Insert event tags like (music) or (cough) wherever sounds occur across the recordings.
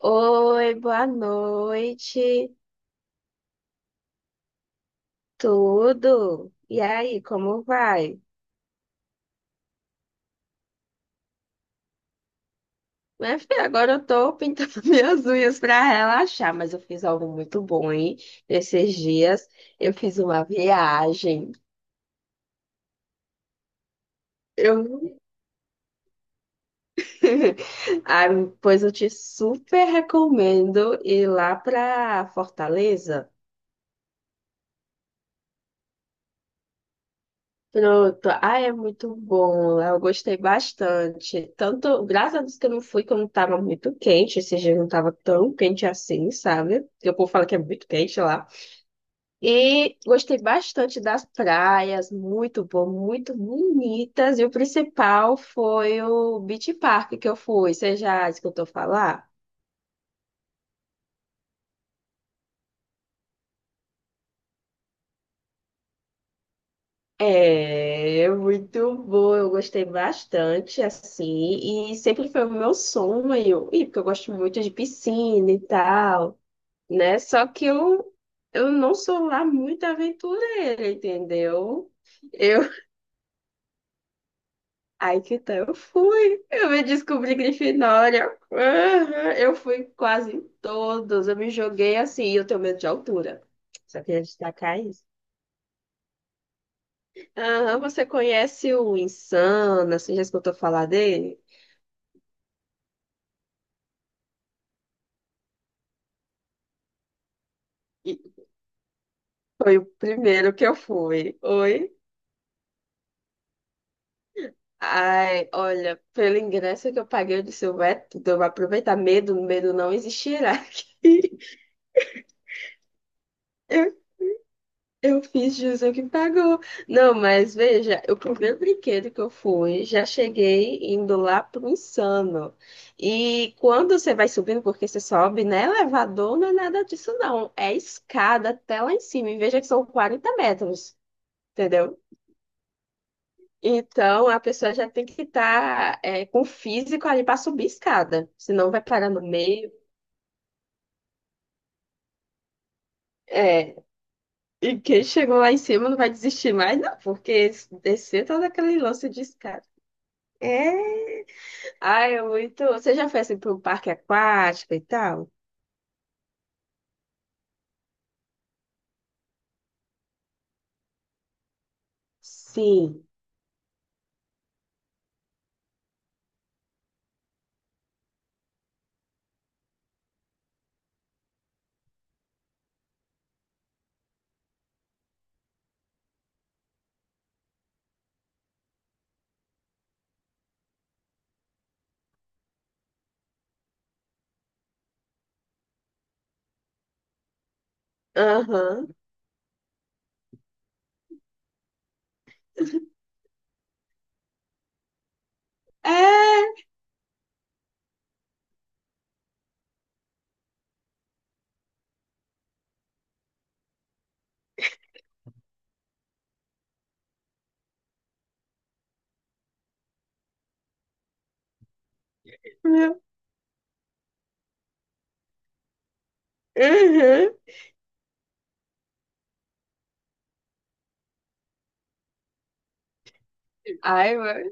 Oi, boa noite, tudo? E aí, como vai? Minha filha, agora eu tô pintando (laughs) minhas unhas pra relaxar, mas eu fiz algo muito bom, hein? Esses dias eu fiz uma viagem. Eu... (laughs) Ah, pois eu te super recomendo ir lá pra Fortaleza. Pronto. Ah, é muito bom. Lá eu gostei bastante. Tanto, graças a Deus que eu não fui quando tava muito quente. Esse dia não tava tão quente assim, sabe? Porque o povo fala que é muito quente lá. E gostei bastante das praias. Muito bom, muito bonitas. E o principal foi o Beach Park que eu fui. Você já escutou falar? É muito bom, eu gostei bastante, assim, e sempre foi o meu sonho, e porque eu gosto muito de piscina e tal, né? Só que eu não sou lá muito aventureira, entendeu? Eu, (laughs) aí que tá, eu fui, eu me descobri Grifinória. Aham, eu fui quase em todos, eu me joguei assim, e eu tenho medo de altura, só queria destacar isso. Aham, você conhece o Insana, você já escutou falar dele? E foi o primeiro que eu fui. Oi? Ai, olha, pelo ingresso que eu paguei, eu disse, eu é tudo, eu vou aproveitar. Medo, medo não existirá aqui. (laughs) Eu, eu fiz jus ao que pagou. Não, mas veja, o primeiro brinquedo que eu fui, já cheguei indo lá pro Insano. E quando você vai subindo, porque você sobe, né? Elevador não é nada disso, não. É escada até lá em cima. E veja que são 40 metros, entendeu? Então, a pessoa já tem que estar com o físico ali para subir escada, senão vai parar no meio. É, e quem chegou lá em cima não vai desistir mais, não, porque descer todo aquele lance de escada. É, ai, é muito. Você já foi assim para um parque aquático e tal? Sim. Aham. É, meu. Uhum. Ai, mano.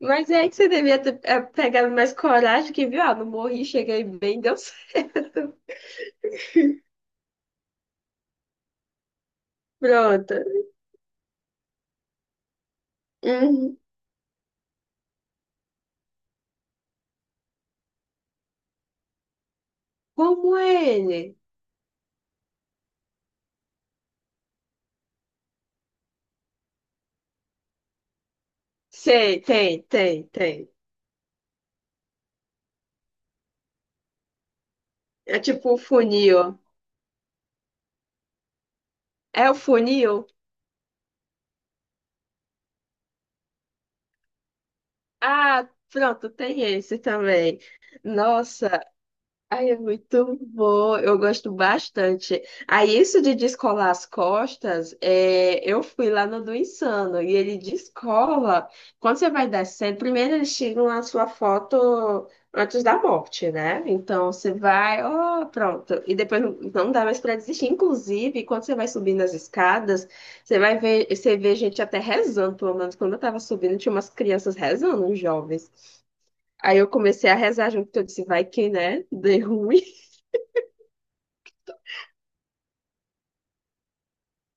Mas é que você devia ter é, pegado mais coragem que viu, ah, não morri, cheguei bem, deu certo. (laughs) Pronto. Uhum. Como é ele? Sei, tem, tem, tem. É tipo o funil. É o funil? Ah, pronto, tem esse também. Nossa. Ai, é muito bom, eu gosto bastante. Aí, isso de descolar as costas, é, eu fui lá no do Insano, e ele descola, quando você vai descendo, primeiro eles tiram a sua foto antes da morte, né? Então, você vai, ó, pronto, e depois não, não dá mais para desistir. Inclusive, quando você vai subindo as escadas, você vai ver, você vê gente até rezando, pelo menos quando eu tava subindo, tinha umas crianças rezando, uns jovens. Aí eu comecei a rezar junto, eu disse, vai que, né, dê ruim.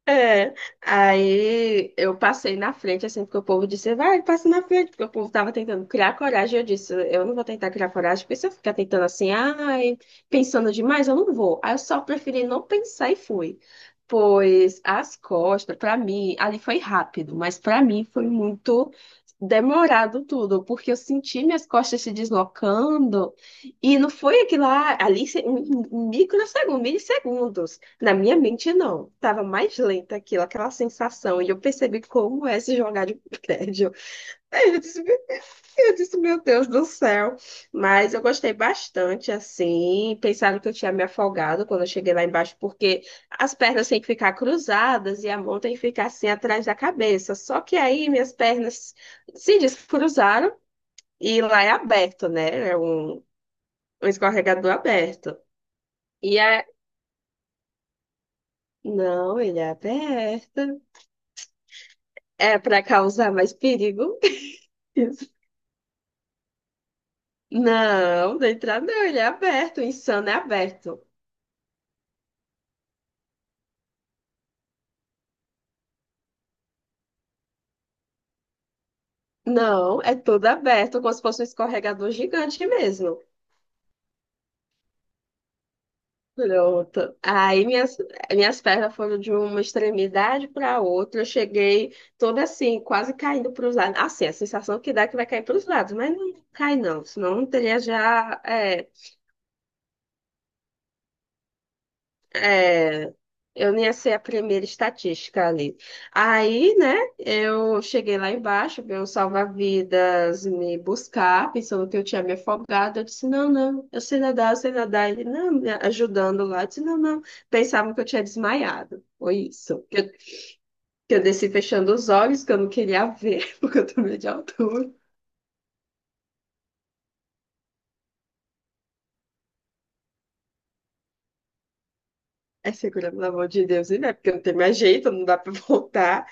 É, aí eu passei na frente, assim, porque o povo disse, vai, passa na frente, porque o povo tava tentando criar coragem, eu disse, eu não vou tentar criar coragem, porque se eu ficar tentando assim, ai, pensando demais, eu não vou. Aí eu só preferi não pensar e fui. Pois as costas, pra mim, ali foi rápido, mas pra mim foi muito demorado tudo, porque eu senti minhas costas se deslocando, e não foi aquilo lá, ali, em em microsegundos, milissegundos. Na minha mente, não. Tava mais lenta aquilo, aquela sensação. E eu percebi como é se jogar de prédio. (laughs) Aí eu disse, "Meu Deus", eu disse, meu Deus do céu. Mas eu gostei bastante, assim. Pensaram que eu tinha me afogado quando eu cheguei lá embaixo, porque as pernas têm que ficar cruzadas e a mão tem que ficar assim atrás da cabeça. Só que aí minhas pernas se descruzaram e lá é aberto, né? É um escorregador aberto. E a... Não, ele é aberto. É para causar mais perigo? Isso. Não, da entrada não, ele é aberto, o Insano é aberto. Não, é todo aberto, como se fosse um escorregador gigante mesmo. Pronto. Aí minhas, minhas pernas foram de uma extremidade para outra. Eu cheguei toda assim, quase caindo para os lados. Assim, a sensação que dá é que vai cair para os lados, mas não cai não, senão eu teria já é, É, eu não ia ser a primeira estatística ali. Aí, né, eu cheguei lá embaixo, veio um salva-vidas me buscar, pensando que eu tinha me afogado. Eu disse, não, não, eu sei nadar, eu sei nadar. Ele, não, me ajudando lá. Eu disse, não, não. Pensavam que eu tinha desmaiado. Foi isso. Que eu desci fechando os olhos, que eu não queria ver, (laughs) porque eu tô meio de altura. É segura, pelo amor de Deus, e não é porque eu não tenho mais jeito, não dá pra (laughs) voltar.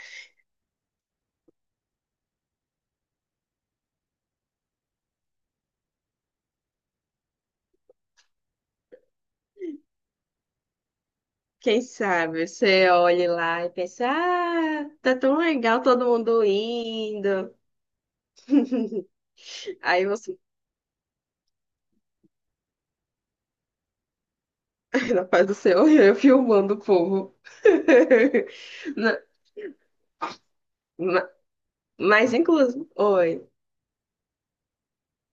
Quem sabe você olhe lá e pensa, ah, tá tão legal todo mundo indo. (laughs) Aí você, (laughs) na paz do céu, (laughs) eu filmando o povo. (laughs) Na- ma- Mas, inclusive, oi.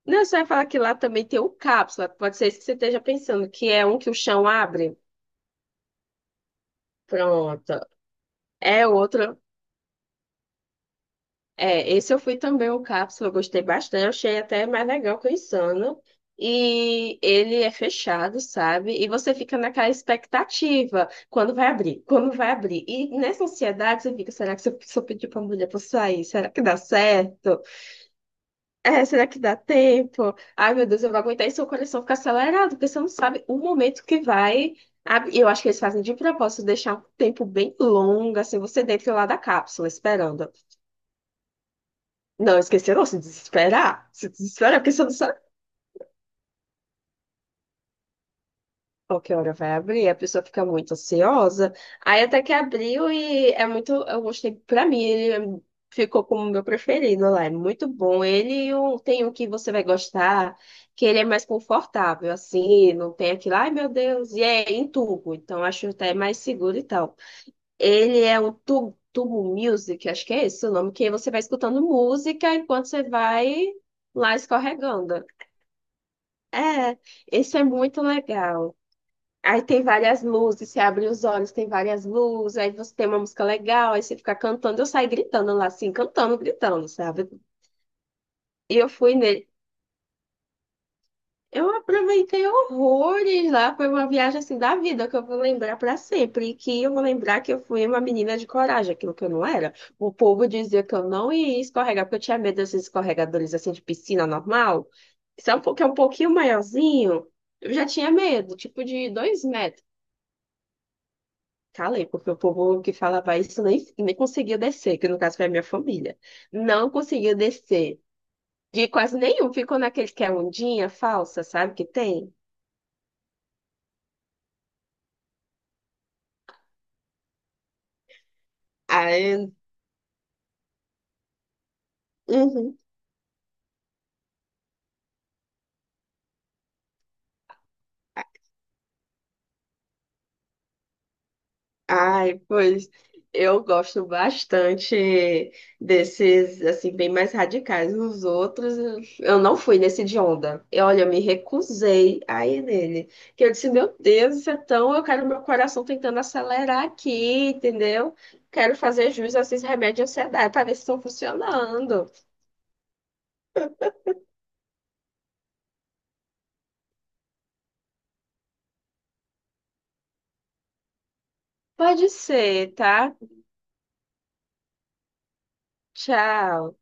Não, você vai falar que lá também tem o cápsula. Pode ser isso que você esteja pensando, que é um que o chão abre. Pronto. É outro. É, esse eu fui também o Cápsula, eu gostei bastante, eu achei até mais legal que o Insano. E ele é fechado, sabe? E você fica naquela expectativa, quando vai abrir, quando vai abrir. E nessa ansiedade você fica, será que se eu, se eu pedir pra mulher pra sair, será que dá certo? É, será que dá tempo? Ai, meu Deus, eu vou aguentar e seu coração fica acelerado, porque você não sabe o momento que vai abrir. Eu acho que eles fazem de propósito deixar um tempo bem longo, assim, você dentro lá da cápsula, esperando. Não, esquecer não, se desesperar. Se desesperar, porque você não sabe qual que hora vai abrir, a pessoa fica muito ansiosa. Aí até que abriu e é muito. Eu gostei, pra mim, ele ficou como o meu preferido lá. É muito bom. Ele e o- tem um que você vai gostar, que ele é mais confortável, assim, não tem aquilo, ai meu Deus, e é em tubo, então acho até mais seguro e tal. Ele é o tubo, tubo Music, acho que é esse o nome, que você vai escutando música enquanto você vai lá escorregando. É, isso é muito legal. Aí tem várias luzes, você abre os olhos, tem várias luzes, aí você tem uma música legal, aí você fica cantando, eu saí gritando lá, assim, cantando, gritando, sabe? E eu fui nele. Eu aproveitei horrores lá, foi uma viagem assim da vida que eu vou lembrar para sempre, e que eu vou lembrar que eu fui uma menina de coragem, aquilo que eu não era. O povo dizia que eu não ia escorregar, porque eu tinha medo desses escorregadores assim de piscina normal, que é um pouquinho maiorzinho. Eu já tinha medo, tipo de 2 metros. Calei, porque o povo que falava isso nem conseguia descer, que no caso foi a minha família. Não conseguia descer. De quase nenhum. Ficou naquele que é ondinha falsa, sabe que tem? Aí, uhum. Ai, pois eu gosto bastante desses, assim, bem mais radicais. Os outros, eu não fui nesse de onda. E olha, eu me recusei a ir nele. Que eu disse, meu Deus, isso é tão. Eu quero meu coração tentando acelerar aqui, entendeu? Quero fazer jus a esses remédios de ansiedade para ver se estão funcionando. Pode ser, tá? Tchau.